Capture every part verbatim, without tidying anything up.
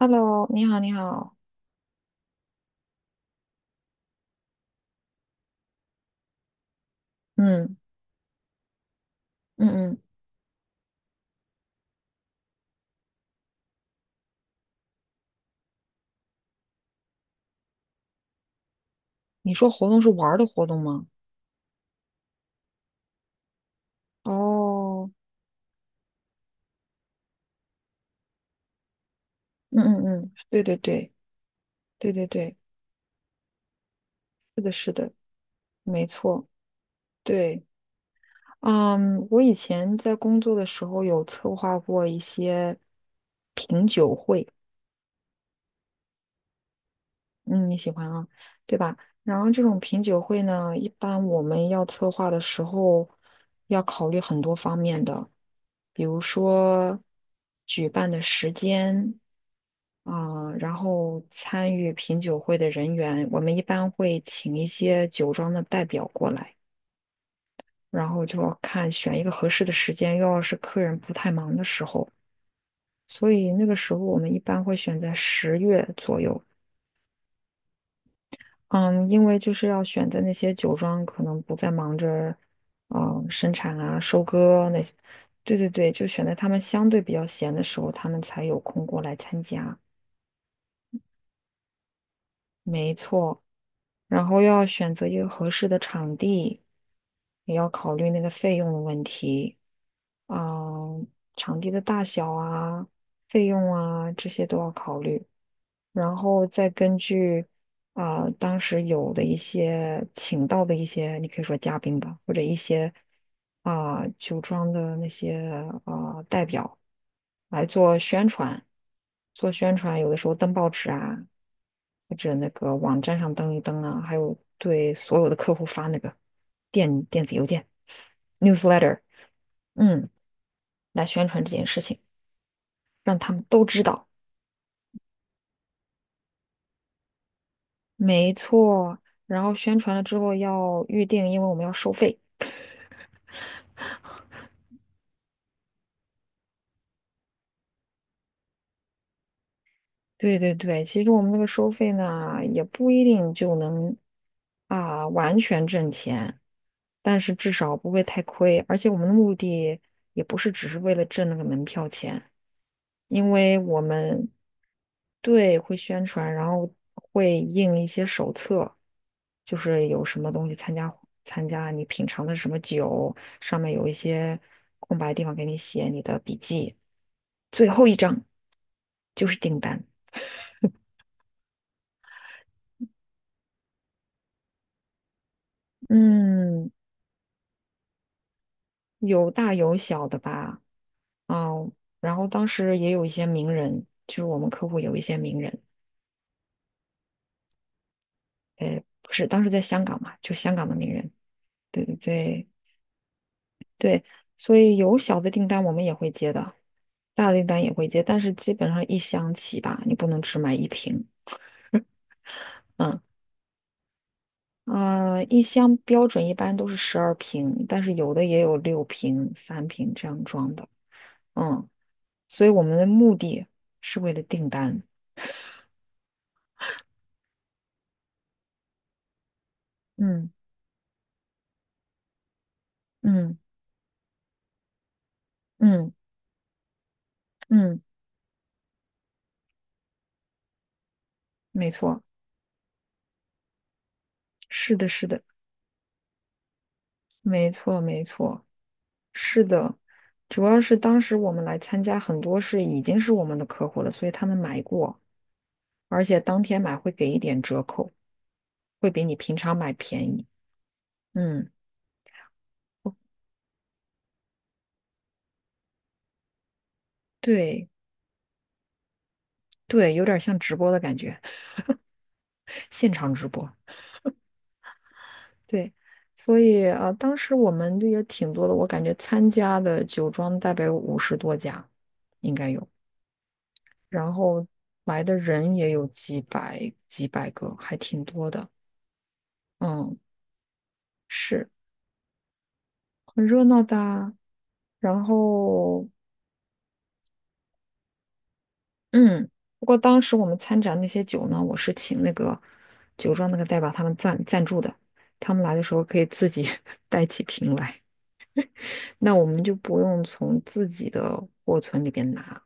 Hello，你好，你好，嗯嗯嗯，你说活动是玩儿的活动吗？哦，嗯嗯嗯，对对对对对对，是的，是的，没错，对，嗯，我以前在工作的时候有策划过一些品酒会，嗯，你喜欢啊，对吧？然后这种品酒会呢，一般我们要策划的时候要考虑很多方面的，比如说举办的时间。啊、呃然后参与品酒会的人员，我们一般会请一些酒庄的代表过来，然后就要看选一个合适的时间，又要是客人不太忙的时候，所以那个时候我们一般会选在十月左右。嗯，因为就是要选在那些酒庄可能不再忙着，嗯、生产啊、收割那些，对对对，就选在他们相对比较闲的时候，他们才有空过来参加。然后要选择一个合适的场地，也要考虑那个费用的问题，啊，场地的大小啊、费用啊这些都要考虑，然后再根据啊、当时有的一些请到的一些，你可以说嘉宾吧，或者一些啊、酒庄的那些啊、代表来做宣传，做宣传，有的时候登报纸啊。或者那个网站上登一登啊，还有对所有的客户发那个电电子邮件 newsletter,嗯，来宣传这件事情，让他们都知道。没错，然后宣传了之后要预定，因为我们要收费。对对对，其实我们那个收费呢，也不一定就能啊完全挣钱，但是至少不会太亏。而且我们的目的也不是只是为了挣那个门票钱，因为我们对，会宣传，然后会印一些手册，就是有什么东西参加参加你品尝的什么酒，上面有一些空白地方给你写你的笔记。最后一张就是订单，嗯，有大有小的吧，嗯，然后当时也有一些名人，就是我们客户有一些名人，不是当时在香港嘛，就香港的名人，对对对。对，所以有小的订单我们也会接的，大的订单也会接，但是基本上一箱起吧，你不能只买一瓶。嗯，呃，一箱标准一般都是十二瓶，但是有的也有六瓶、三瓶这样装的。嗯，所以我们的目的是为了订单。嗯嗯嗯嗯，没错，是的，是的，没错，没错，是的。主要是当时我们来参加，很多是已经是我们的客户了，所以他们买过。而且当天买会给一点折扣，会比你平常买便宜。嗯，对对，有点像直播的感觉，现场直播。对，所以啊，当时我们也挺多的，我感觉参加的酒庄大概有五十多家，应该有，然后来的人也有几百几百个，还挺多的。嗯，是很热闹的啊然后嗯，不过当时我们参展那些酒呢，我是请那个酒庄那个代表他们赞赞助的，他们来的时候可以自己 带起瓶来，那我们就不用从自己的货存里边拿，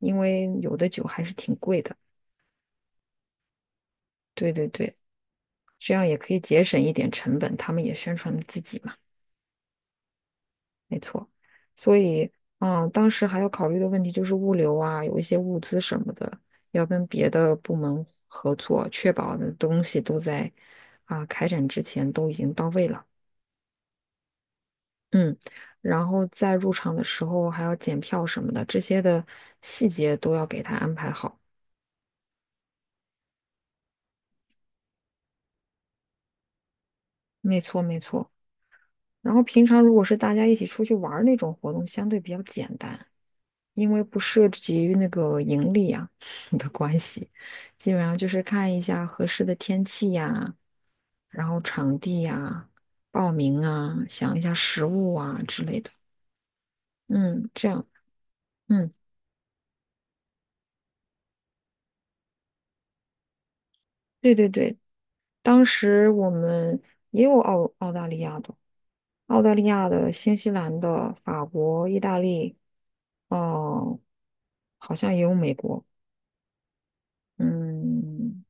因为有的酒还是挺贵的。对对对，这样也可以节省一点成本，他们也宣传自己嘛。所以啊，当时还要考虑的问题就是物流啊，有一些物资什么的，要跟别的部门合作，确保的东西都在啊开展之前都已经到位了。嗯，然后在入场的时候还要检票什么的，这些的细节都要给他安排好。没错，没错。然后平常如果是大家一起出去玩儿那种活动，相对比较简单。因为不涉及于那个盈利啊 的关系，基本上就是看一下合适的天气呀，然后场地呀，报名啊，想一下食物啊之类的。嗯，这样，嗯，对对对，当时我们也有澳澳大利亚的、澳大利亚的、新西兰的、法国、意大利，哦、好像也有美国，嗯。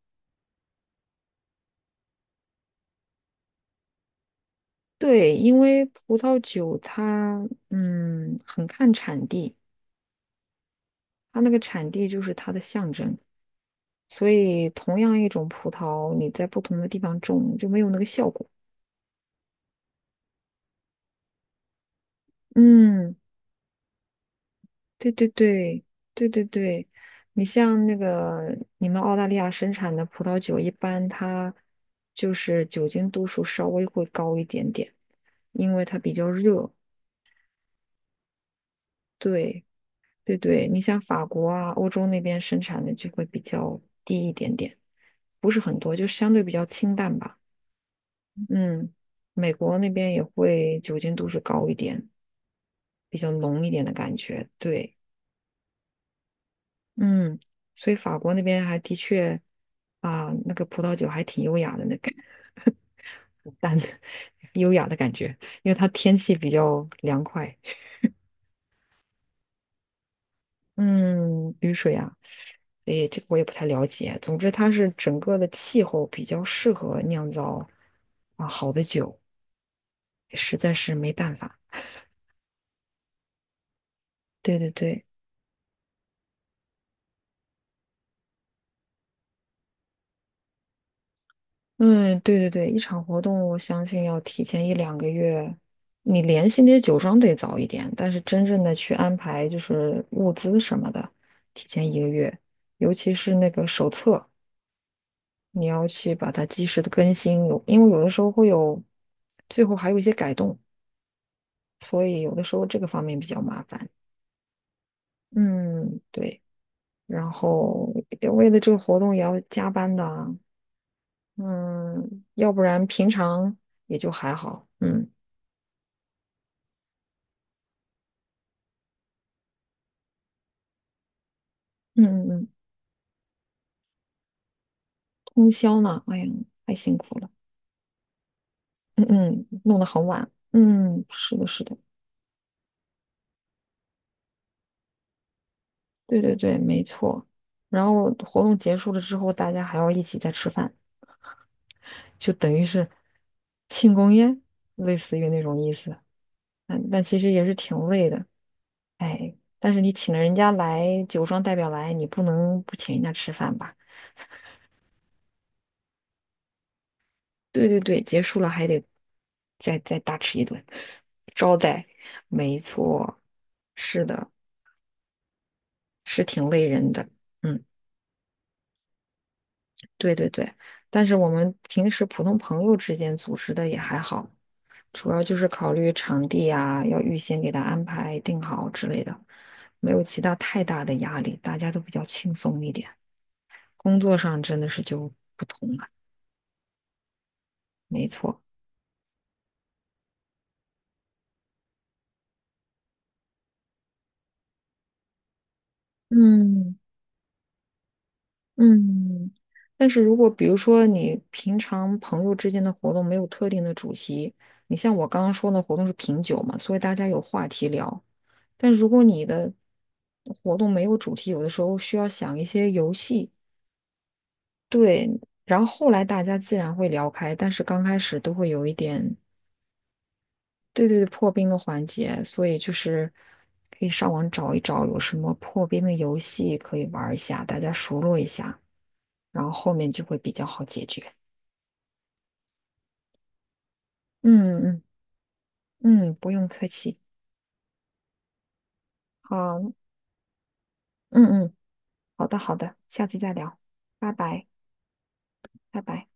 对，因为葡萄酒它嗯很看产地，它那个产地就是它的象征，所以同样一种葡萄，你在不同的地方种就没有那个效果。嗯，对对对对对对，你像那个你们澳大利亚生产的葡萄酒，一般它就是酒精度数稍微会高一点点，因为它比较热。对，对对，你像法国啊，欧洲那边生产的就会比较低一点点，不是很多，就相对比较清淡吧。嗯，美国那边也会酒精度数高一点，比较浓一点的感觉。对，嗯，所以法国那边还的确啊，那个葡萄酒还挺优雅的，那个 淡的优雅的感觉，因为它天气比较凉快。嗯，雨水啊。所以这个我也不太了解。总之，它是整个的气候比较适合酿造啊好的酒，实在是没办法。对对对，嗯，对对对，一场活动我相信要提前一两个月，你联系那些酒庄得早一点，但是真正的去安排就是物资什么的，提前一个月，尤其是那个手册，你要去把它及时的更新，有因为有的时候会有，最后还有一些改动，所以有的时候这个方面比较麻烦。嗯，对，然后也为了这个活动也要加班的啊，嗯，要不然平常也就还好，嗯嗯嗯，嗯，通宵呢，哎呀，太辛苦了，嗯嗯，弄得很晚，嗯，是的，是的，对对对，没错。然后活动结束了之后，大家还要一起再吃饭，就等于是庆功宴，类似于那种意思，但但其实也是挺累的。哎，但是你请了人家来，酒庄代表来，你不能不请人家吃饭吧？对对对，结束了还得再再大吃一顿，招待，没错，是的，是挺累人的。嗯，对对对，但是我们平时普通朋友之间组织的也还好，主要就是考虑场地啊，要预先给他安排定好之类的，没有其他太大的压力，大家都比较轻松一点。工作上真的是就不同了，没错。嗯嗯，但是如果比如说你平常朋友之间的活动没有特定的主题，你像我刚刚说的活动是品酒嘛，所以大家有话题聊。但如果你的活动没有主题，有的时候需要想一些游戏，对，然后后来大家自然会聊开，但是刚开始都会有一点，对对对，破冰的环节，所以就是可以上网找一找有什么破冰的游戏可以玩一下，大家熟络一下。然后后面就会比较好解决。嗯嗯嗯，不用客气。好，嗯嗯，好的好的，下次再聊，拜拜拜拜。